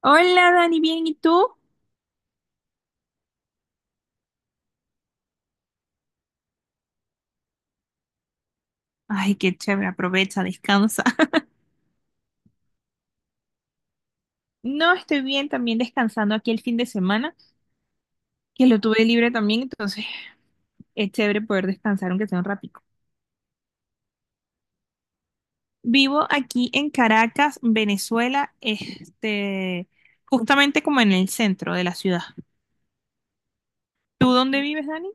Hola Dani, bien, ¿y tú? Ay, qué chévere, aprovecha, descansa. No, estoy bien, también descansando aquí el fin de semana, que lo tuve libre también, entonces es chévere poder descansar aunque sea un ratico. Vivo aquí en Caracas, Venezuela, justamente como en el centro de la ciudad. ¿Tú dónde vives, Dani?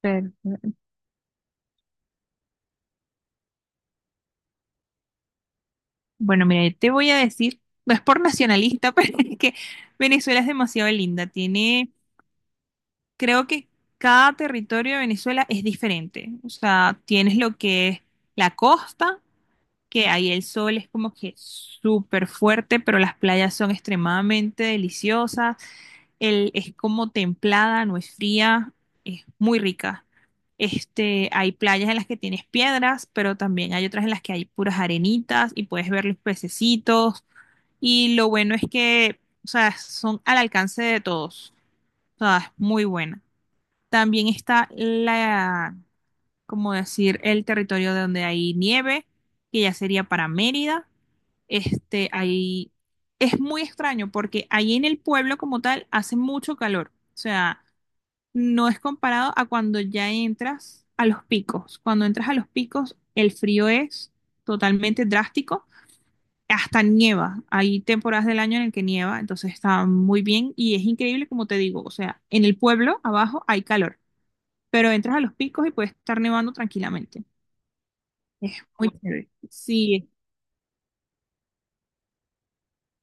Pero. Bueno, mira, yo te voy a decir, no es por nacionalista, pero es que Venezuela es demasiado linda, tiene creo que cada territorio de Venezuela es diferente. O sea, tienes lo que es la costa, que ahí el sol es como que súper fuerte, pero las playas son extremadamente deliciosas. El, es como templada, no es fría, es muy rica. Hay playas en las que tienes piedras, pero también hay otras en las que hay puras arenitas y puedes ver los pececitos. Y lo bueno es que, o sea, son al alcance de todos. O sea, es muy buena. También está la, como decir, el territorio de donde hay nieve, que ya sería para Mérida. Ahí es muy extraño porque ahí en el pueblo como tal hace mucho calor. O sea, no es comparado a cuando ya entras a los picos. Cuando entras a los picos, el frío es totalmente drástico. Hasta nieva. Hay temporadas del año en el que nieva, entonces está muy bien y es increíble como te digo. O sea, en el pueblo abajo hay calor pero entras a los picos y puede estar nevando tranquilamente. Es muy chévere. Ok. Sí,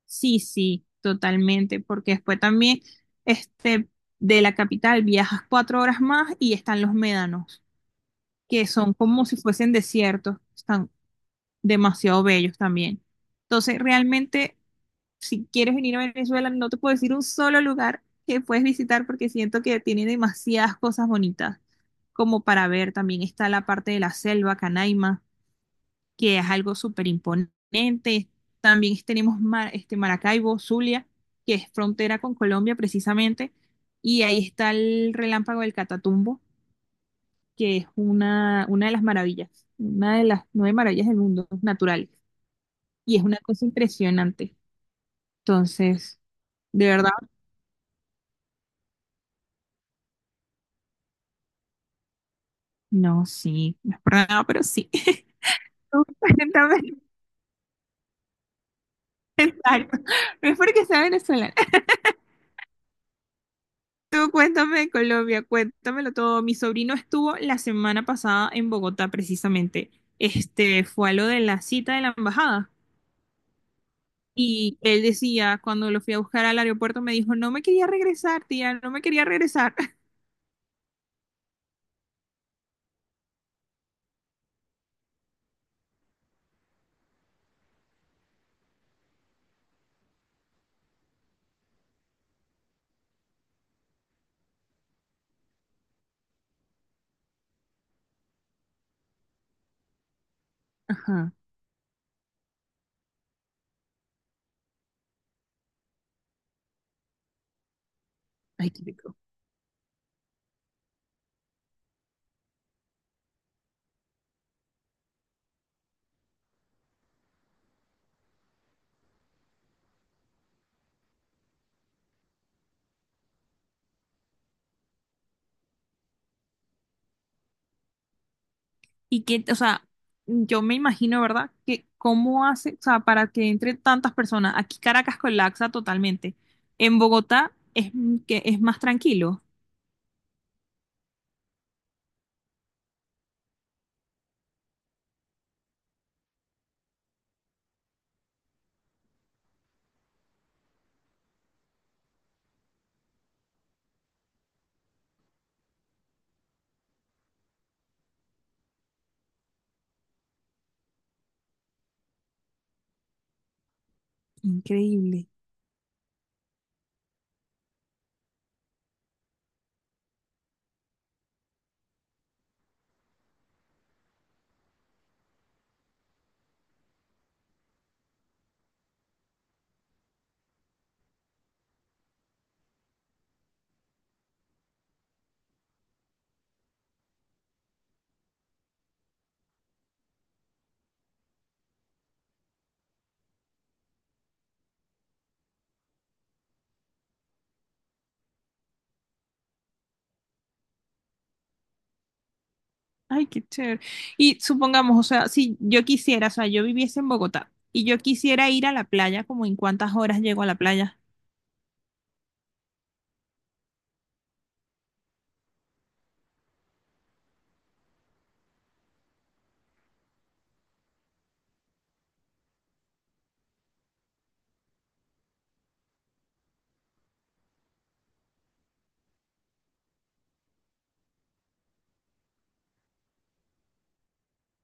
sí, sí, totalmente, porque después también este, de la capital viajas 4 horas más y están los médanos, que son como si fuesen desiertos, están demasiado bellos también. Entonces, realmente, si quieres venir a Venezuela, no te puedo decir un solo lugar que puedes visitar porque siento que tiene demasiadas cosas bonitas como para ver. También está la parte de la selva, Canaima, que es algo súper imponente. También tenemos Maracaibo, Zulia, que es frontera con Colombia precisamente, y ahí está el relámpago del Catatumbo, que es una de las maravillas, una de las nueve maravillas del mundo naturales, y es una cosa impresionante. Entonces, de verdad, no, sí, no es por nada, pero sí. Completamente. Exacto. No es porque sea venezolano. Tú cuéntame de Colombia, cuéntamelo todo. Mi sobrino estuvo la semana pasada en Bogotá, precisamente. Fue a lo de la cita de la embajada. Y él decía, cuando lo fui a buscar al aeropuerto, me dijo, no me quería regresar, tía, no me quería regresar. Ajá, ay, qué rico. Y que, o sea, yo me imagino, ¿verdad? Que cómo hace, o sea, para que entre tantas personas. Aquí Caracas colapsa totalmente. En Bogotá es, que es más tranquilo. Increíble. Ay, qué chévere. Y supongamos, o sea, si yo quisiera, o sea, yo viviese en Bogotá y yo quisiera ir a la playa, ¿como en cuántas horas llego a la playa?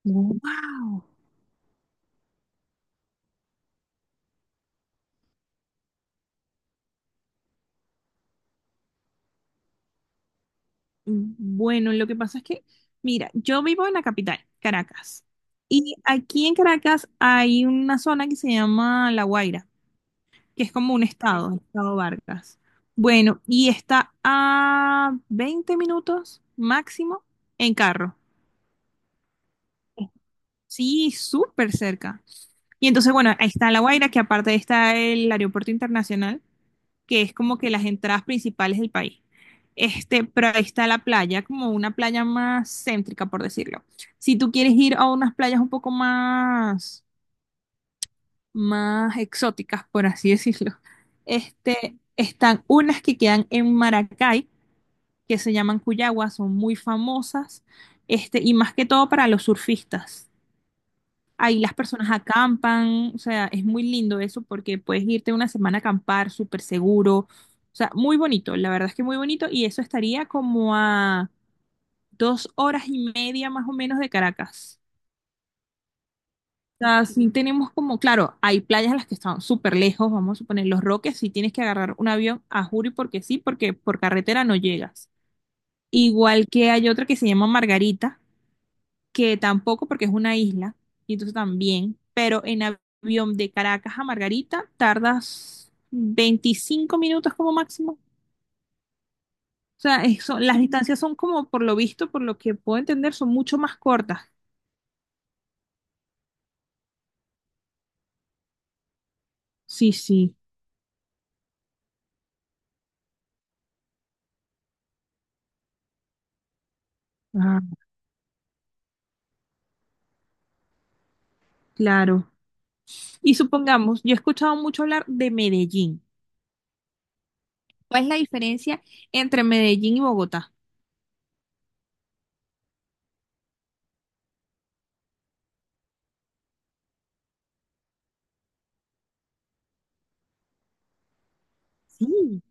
No. Wow. Bueno, lo que pasa es que, mira, yo vivo en la capital, Caracas. Y aquí en Caracas hay una zona que se llama La Guaira, que es como un estado, el estado Vargas. Bueno, y está a 20 minutos máximo en carro. Sí, súper cerca. Y entonces, bueno, ahí está La Guaira, que aparte está el aeropuerto internacional, que es como que las entradas principales del país. Pero ahí está la playa, como una playa más céntrica, por decirlo. Si tú quieres ir a unas playas un poco más, más exóticas, por así decirlo, están unas que quedan en Maracay, que se llaman Cuyagua, son muy famosas, y más que todo para los surfistas. Ahí las personas acampan, o sea, es muy lindo eso porque puedes irte una semana a acampar súper seguro, o sea, muy bonito, la verdad es que muy bonito y eso estaría como a 2 horas y media más o menos de Caracas. O sea, sí tenemos como, claro, hay playas en las que están súper lejos, vamos a suponer Los Roques, si tienes que agarrar un avión a Juri porque sí, porque por carretera no llegas. Igual que hay otra que se llama Margarita que tampoco porque es una isla, y entonces también, pero en avión de Caracas a Margarita tardas 25 minutos como máximo. O sea, eso, las distancias son como, por lo visto, por lo que puedo entender, son mucho más cortas. Sí, sí. Ah, claro. Y supongamos, yo he escuchado mucho hablar de Medellín. ¿Cuál es la diferencia entre Medellín y Bogotá? Sí.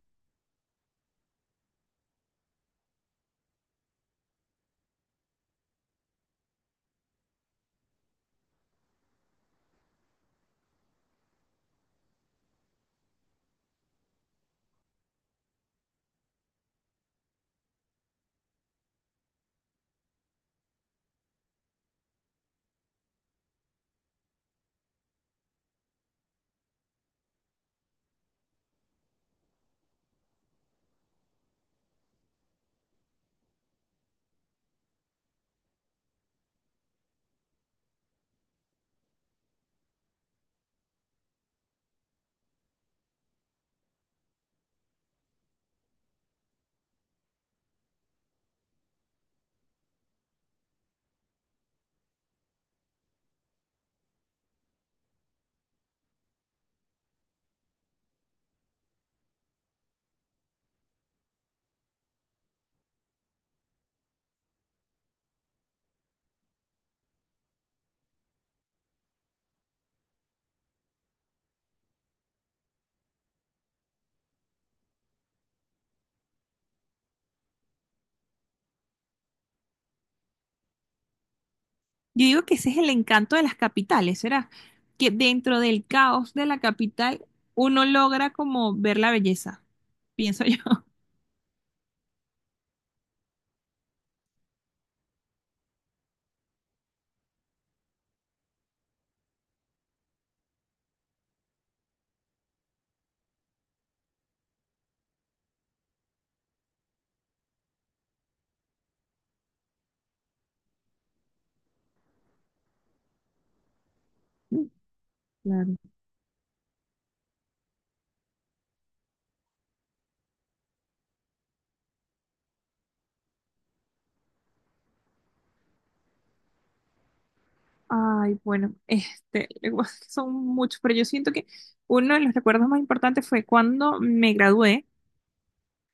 Yo digo que ese es el encanto de las capitales, ¿será? Que dentro del caos de la capital uno logra como ver la belleza, pienso yo. Claro. Ay, bueno, luego son muchos, pero yo siento que uno de los recuerdos más importantes fue cuando me gradué.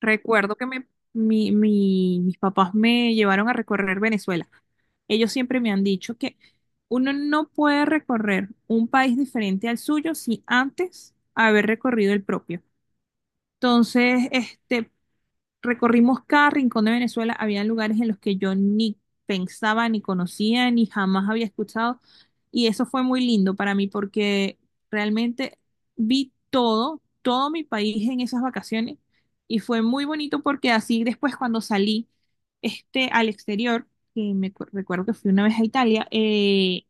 Recuerdo que me, mis papás me llevaron a recorrer Venezuela. Ellos siempre me han dicho que uno no puede recorrer un país diferente al suyo sin antes haber recorrido el propio. Entonces, recorrimos cada rincón de Venezuela. Había lugares en los que yo ni pensaba, ni conocía, ni jamás había escuchado. Y eso fue muy lindo para mí porque realmente vi todo, todo mi país en esas vacaciones. Y fue muy bonito porque así después cuando salí al exterior, que recuerdo que fui una vez a Italia,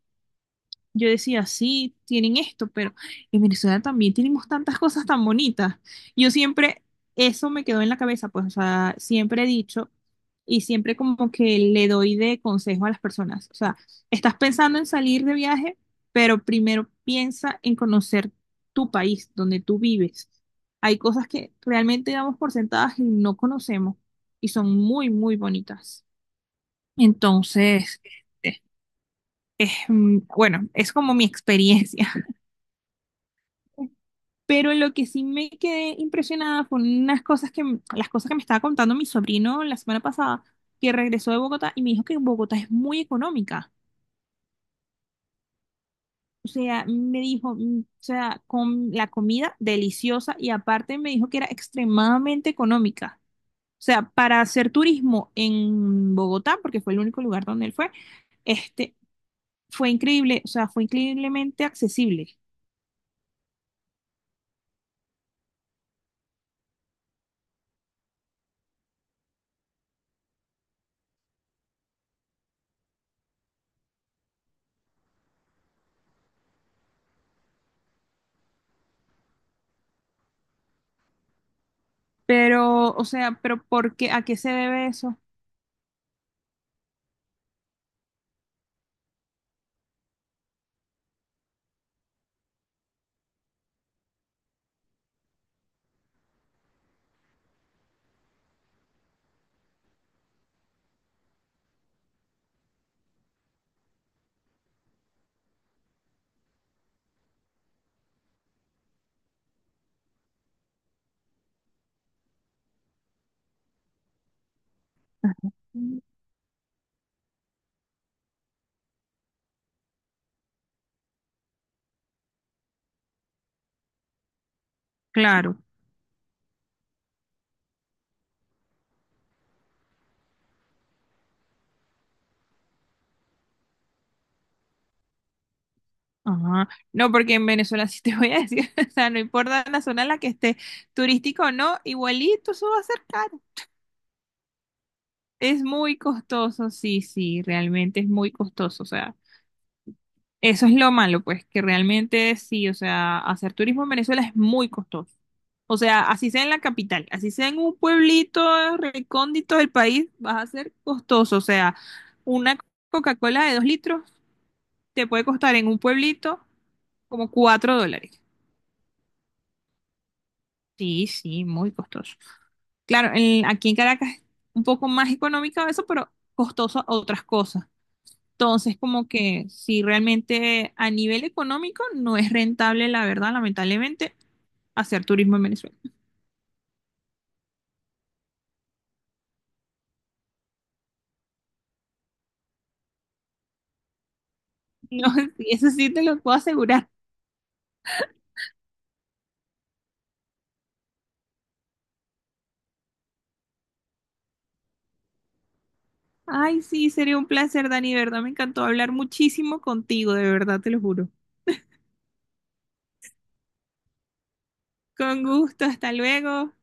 yo decía, sí, tienen esto, pero en Venezuela también tenemos tantas cosas tan bonitas. Yo siempre, eso me quedó en la cabeza, pues, o sea, siempre he dicho y siempre como que le doy de consejo a las personas. O sea, estás pensando en salir de viaje, pero primero piensa en conocer tu país, donde tú vives. Hay cosas que realmente damos por sentadas y no conocemos y son muy, muy bonitas. Entonces, este, es, bueno, es como mi experiencia. Pero lo que sí me quedé impresionada fue unas cosas que, las cosas que me estaba contando mi sobrino la semana pasada, que regresó de Bogotá y me dijo que Bogotá es muy económica. O sea, me dijo, o sea, con la comida deliciosa y aparte me dijo que era extremadamente económica. O sea, para hacer turismo en Bogotá, porque fue el único lugar donde él fue, este, fue increíble, o sea, fue increíblemente accesible. Pero, o sea, pero ¿por qué? ¿A qué se debe eso? Ajá. Claro. Ajá. No, porque en Venezuela sí te voy a decir, o sea, no importa la zona en la que esté, turístico o no, igualito eso va a ser caro. Es muy costoso, sí, sí, realmente es muy costoso, o sea, eso es lo malo, pues, que realmente sí, o sea, hacer turismo en Venezuela es muy costoso. O sea, así sea en la capital, así sea en un pueblito recóndito del país, vas a ser costoso, o sea, una Coca-Cola de 2 litros te puede costar en un pueblito como $4. Sí, sí, muy costoso. Claro, en- aquí en Caracas es un poco más económico eso, pero costoso otras cosas. Entonces, como que si realmente a nivel económico no es rentable, la verdad, lamentablemente, hacer turismo en Venezuela. No, sí, eso sí te lo puedo asegurar. Ay, sí, sería un placer, Dani, de verdad, me encantó hablar muchísimo contigo, de verdad, te lo juro. Con gusto, hasta luego.